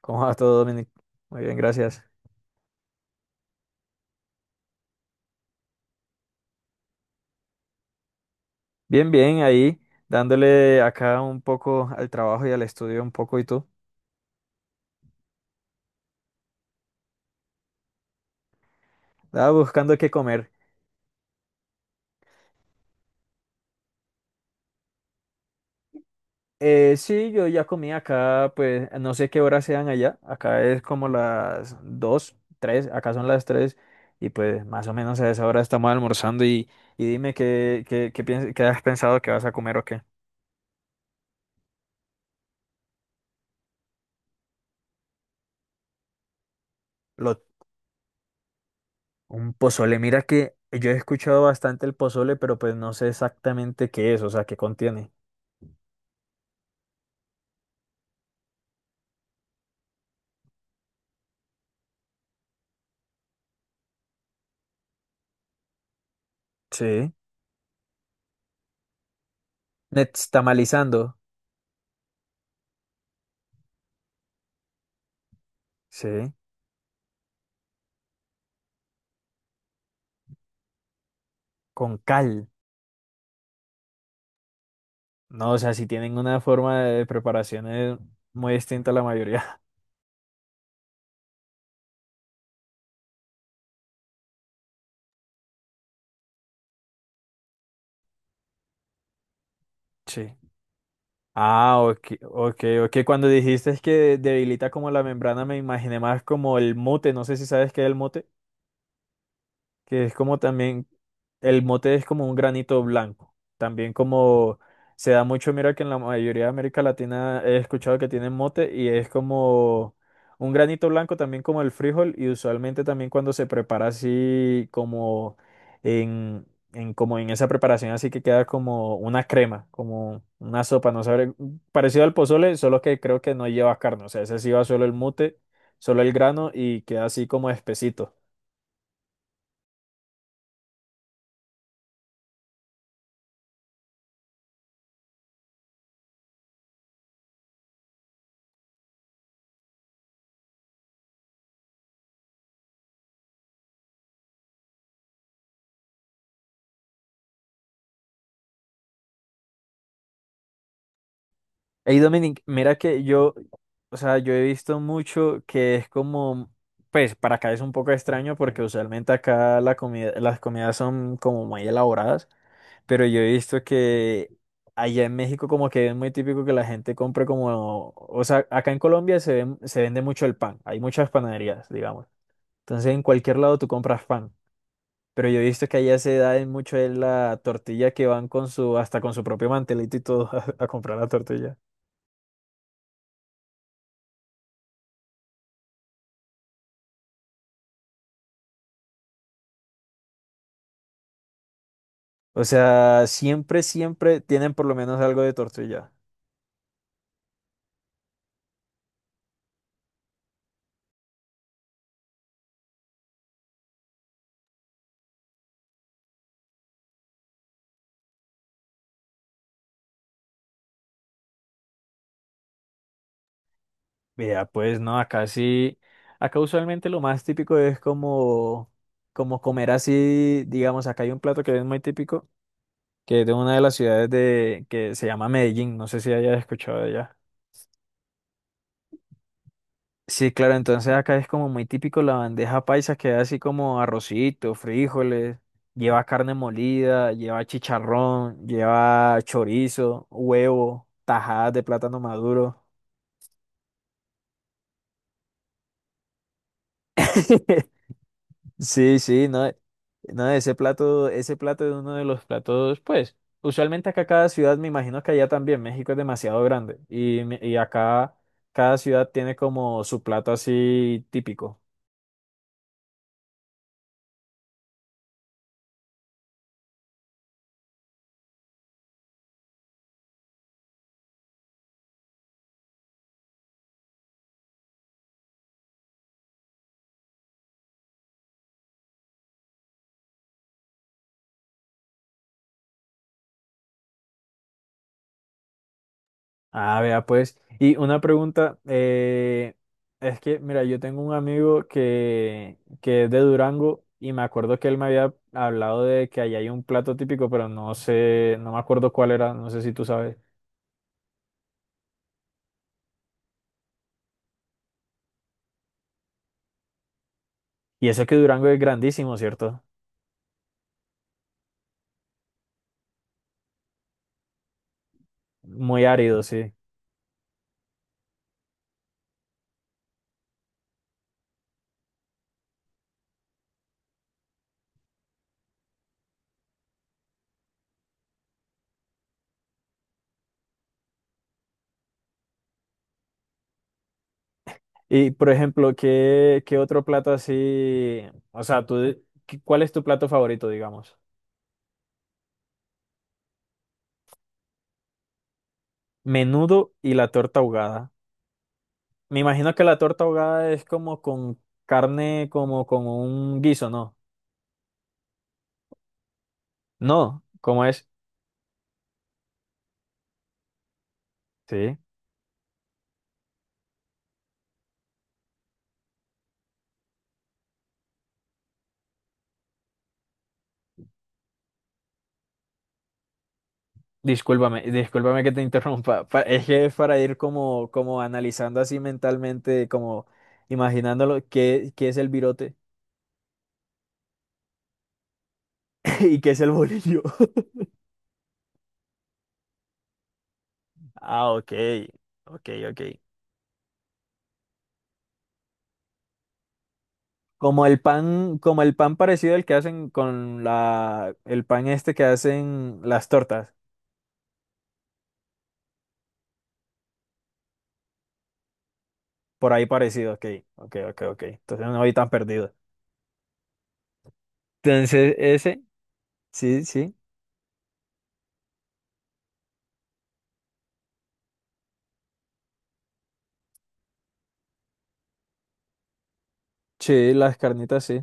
¿Cómo va todo, Dominic? Muy bien, gracias. Bien, bien, ahí dándole acá un poco al trabajo y al estudio un poco y tú. Estaba buscando qué comer. Sí, yo ya comí acá, pues no sé qué horas sean allá. Acá es como las 2, 3. Acá son las 3 y pues más o menos a esa hora estamos almorzando y dime qué has pensado que vas a comer o qué. Lo, un pozole, mira que yo he escuchado bastante el pozole, pero pues no sé exactamente qué es, o sea, qué contiene. Sí. Nixtamalizando, sí, con cal. No, o sea, si tienen una forma de preparación muy distinta a la mayoría. Sí. Ah, ok, ok, ok. Cuando dijiste es que debilita como la membrana, me imaginé más como el mote. No sé si sabes qué es el mote. Que es como también, el mote es como un granito blanco, también como se da mucho, mira que en la mayoría de América Latina he escuchado que tienen mote y es como un granito blanco también como el frijol y usualmente también cuando se prepara así como en, en como en esa preparación así que queda como una crema, como una sopa, no sabré, parecido al pozole, solo que creo que no lleva carne, o sea, ese sí va solo el mote, solo el grano y queda así como espesito. Hey Dominic, mira que yo, o sea, yo he visto mucho que es como, pues para acá es un poco extraño porque usualmente acá la comida, las comidas son como muy elaboradas, pero yo he visto que allá en México como que es muy típico que la gente compre como, o sea, acá en Colombia se vende mucho el pan, hay muchas panaderías, digamos. Entonces en cualquier lado tú compras pan, pero yo he visto que allá se da en mucho en la tortilla que van con su, hasta con su propio mantelito y todo a comprar la tortilla. O sea, siempre, siempre tienen por lo menos algo de tortilla. Vea, pues no, acá sí, acá usualmente lo más típico es como, como comer así, digamos, acá hay un plato que es muy típico, que es de una de las ciudades de, que se llama Medellín, no sé si hayas escuchado de allá. Sí, claro, entonces acá es como muy típico la bandeja paisa, que es así como arrocito, frijoles, lleva carne molida, lleva chicharrón, lleva chorizo, huevo, tajadas de plátano maduro. Sí, sí, no, no, ese plato es uno de los platos, pues, usualmente acá cada ciudad, me imagino que allá también, México es demasiado grande y acá cada ciudad tiene como su plato así típico. Ah, vea, pues, y una pregunta, es que, mira, yo tengo un amigo que es de Durango y me acuerdo que él me había hablado de que allá hay un plato típico, pero no sé, no me acuerdo cuál era, no sé si tú sabes. Y eso que Durango es grandísimo, ¿cierto? Muy árido, sí. Y por ejemplo, qué otro plato así? O sea, tú, ¿cuál es tu plato favorito, digamos? Menudo y la torta ahogada. Me imagino que la torta ahogada es como con carne, como con un guiso, ¿no? No, ¿cómo es? Sí. Discúlpame, discúlpame que te interrumpa. Es que es para ir como, como analizando así mentalmente, como imaginándolo, qué es el virote y qué es el bolillo. Ah, ok, ok, ok. Como el pan parecido al que hacen con la, el pan este que hacen las tortas. Por ahí parecido, ok, ok, ok, ok. Entonces no voy tan perdido. Entonces, ese, sí, sí. Sí, las carnitas sí.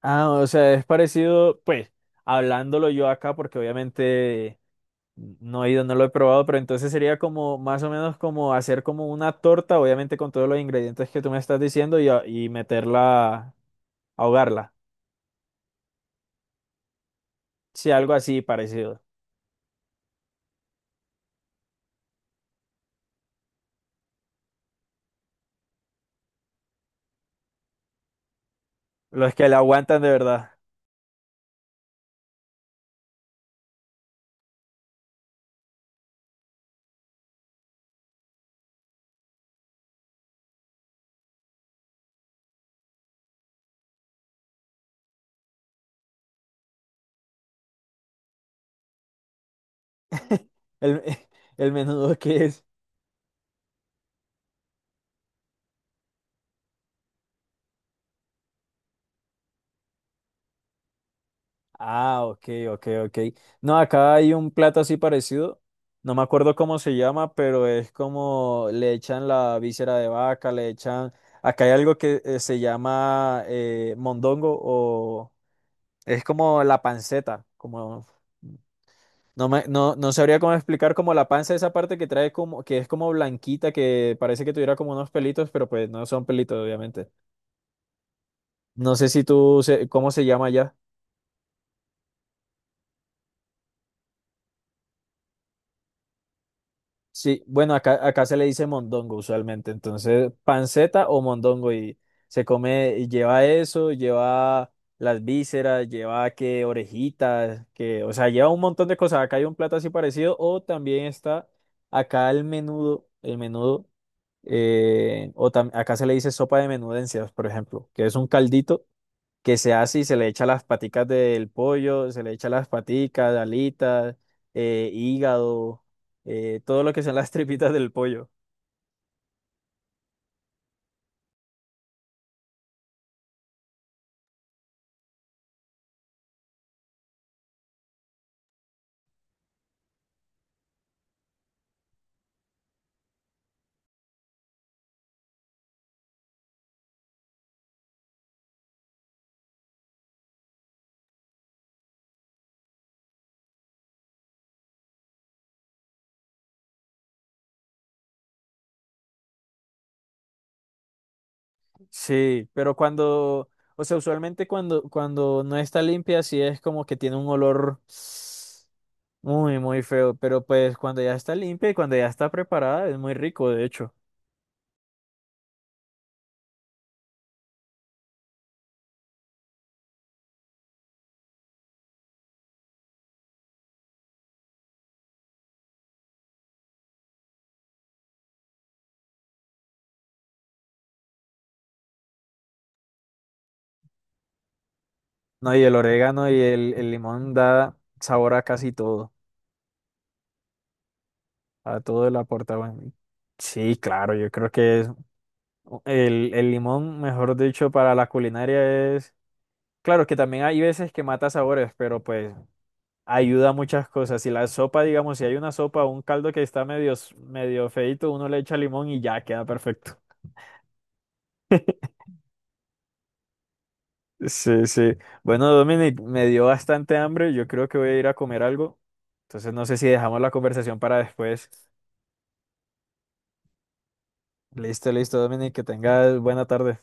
Ah, o sea, es parecido, pues, hablándolo yo acá, porque obviamente no he ido, no lo he probado, pero entonces sería como, más o menos como hacer como una torta, obviamente con todos los ingredientes que tú me estás diciendo y meterla, ahogarla. Sí, algo así parecido. Los que la aguantan de verdad. El, el menudo que es. Ah, ok, ok, ok. No, acá hay un plato así parecido. No me acuerdo cómo se llama, pero es como le echan la víscera de vaca, le echan. Acá hay algo que se llama mondongo o es como la panceta, como no me, no, no sabría cómo explicar como la panza, esa parte que trae como, que es como blanquita, que parece que tuviera como unos pelitos, pero pues no son pelitos, obviamente. No sé si tú, ¿cómo se llama allá? Sí, bueno, acá, acá se le dice mondongo usualmente, entonces panceta o mondongo y se come, y lleva eso, lleva las vísceras, lleva que orejitas, que, o sea, lleva un montón de cosas. Acá hay un plato así parecido o también está acá el menudo, acá se le dice sopa de menudencias, por ejemplo, que es un caldito que se hace y se le echa las paticas del pollo, se le echa las paticas, alitas, hígado, todo lo que son las tripitas del pollo. Sí, pero cuando, o sea, usualmente cuando, cuando no está limpia, sí es como que tiene un olor muy, muy feo, pero pues cuando ya está limpia y cuando ya está preparada, es muy rico, de hecho. No, y el orégano y el limón da sabor a casi todo, a todo el aporta. Sí, claro, yo creo que es el limón, mejor dicho, para la culinaria es... Claro que también hay veces que mata sabores, pero pues ayuda a muchas cosas. Si la sopa, digamos, si hay una sopa o un caldo que está medio, medio feíto, uno le echa limón y ya queda perfecto. Sí, sí. Bueno, Dominic, me dio bastante hambre. Yo creo que voy a ir a comer algo. Entonces no sé si dejamos la conversación para después. Listo, listo, Dominic, que tengas buena tarde.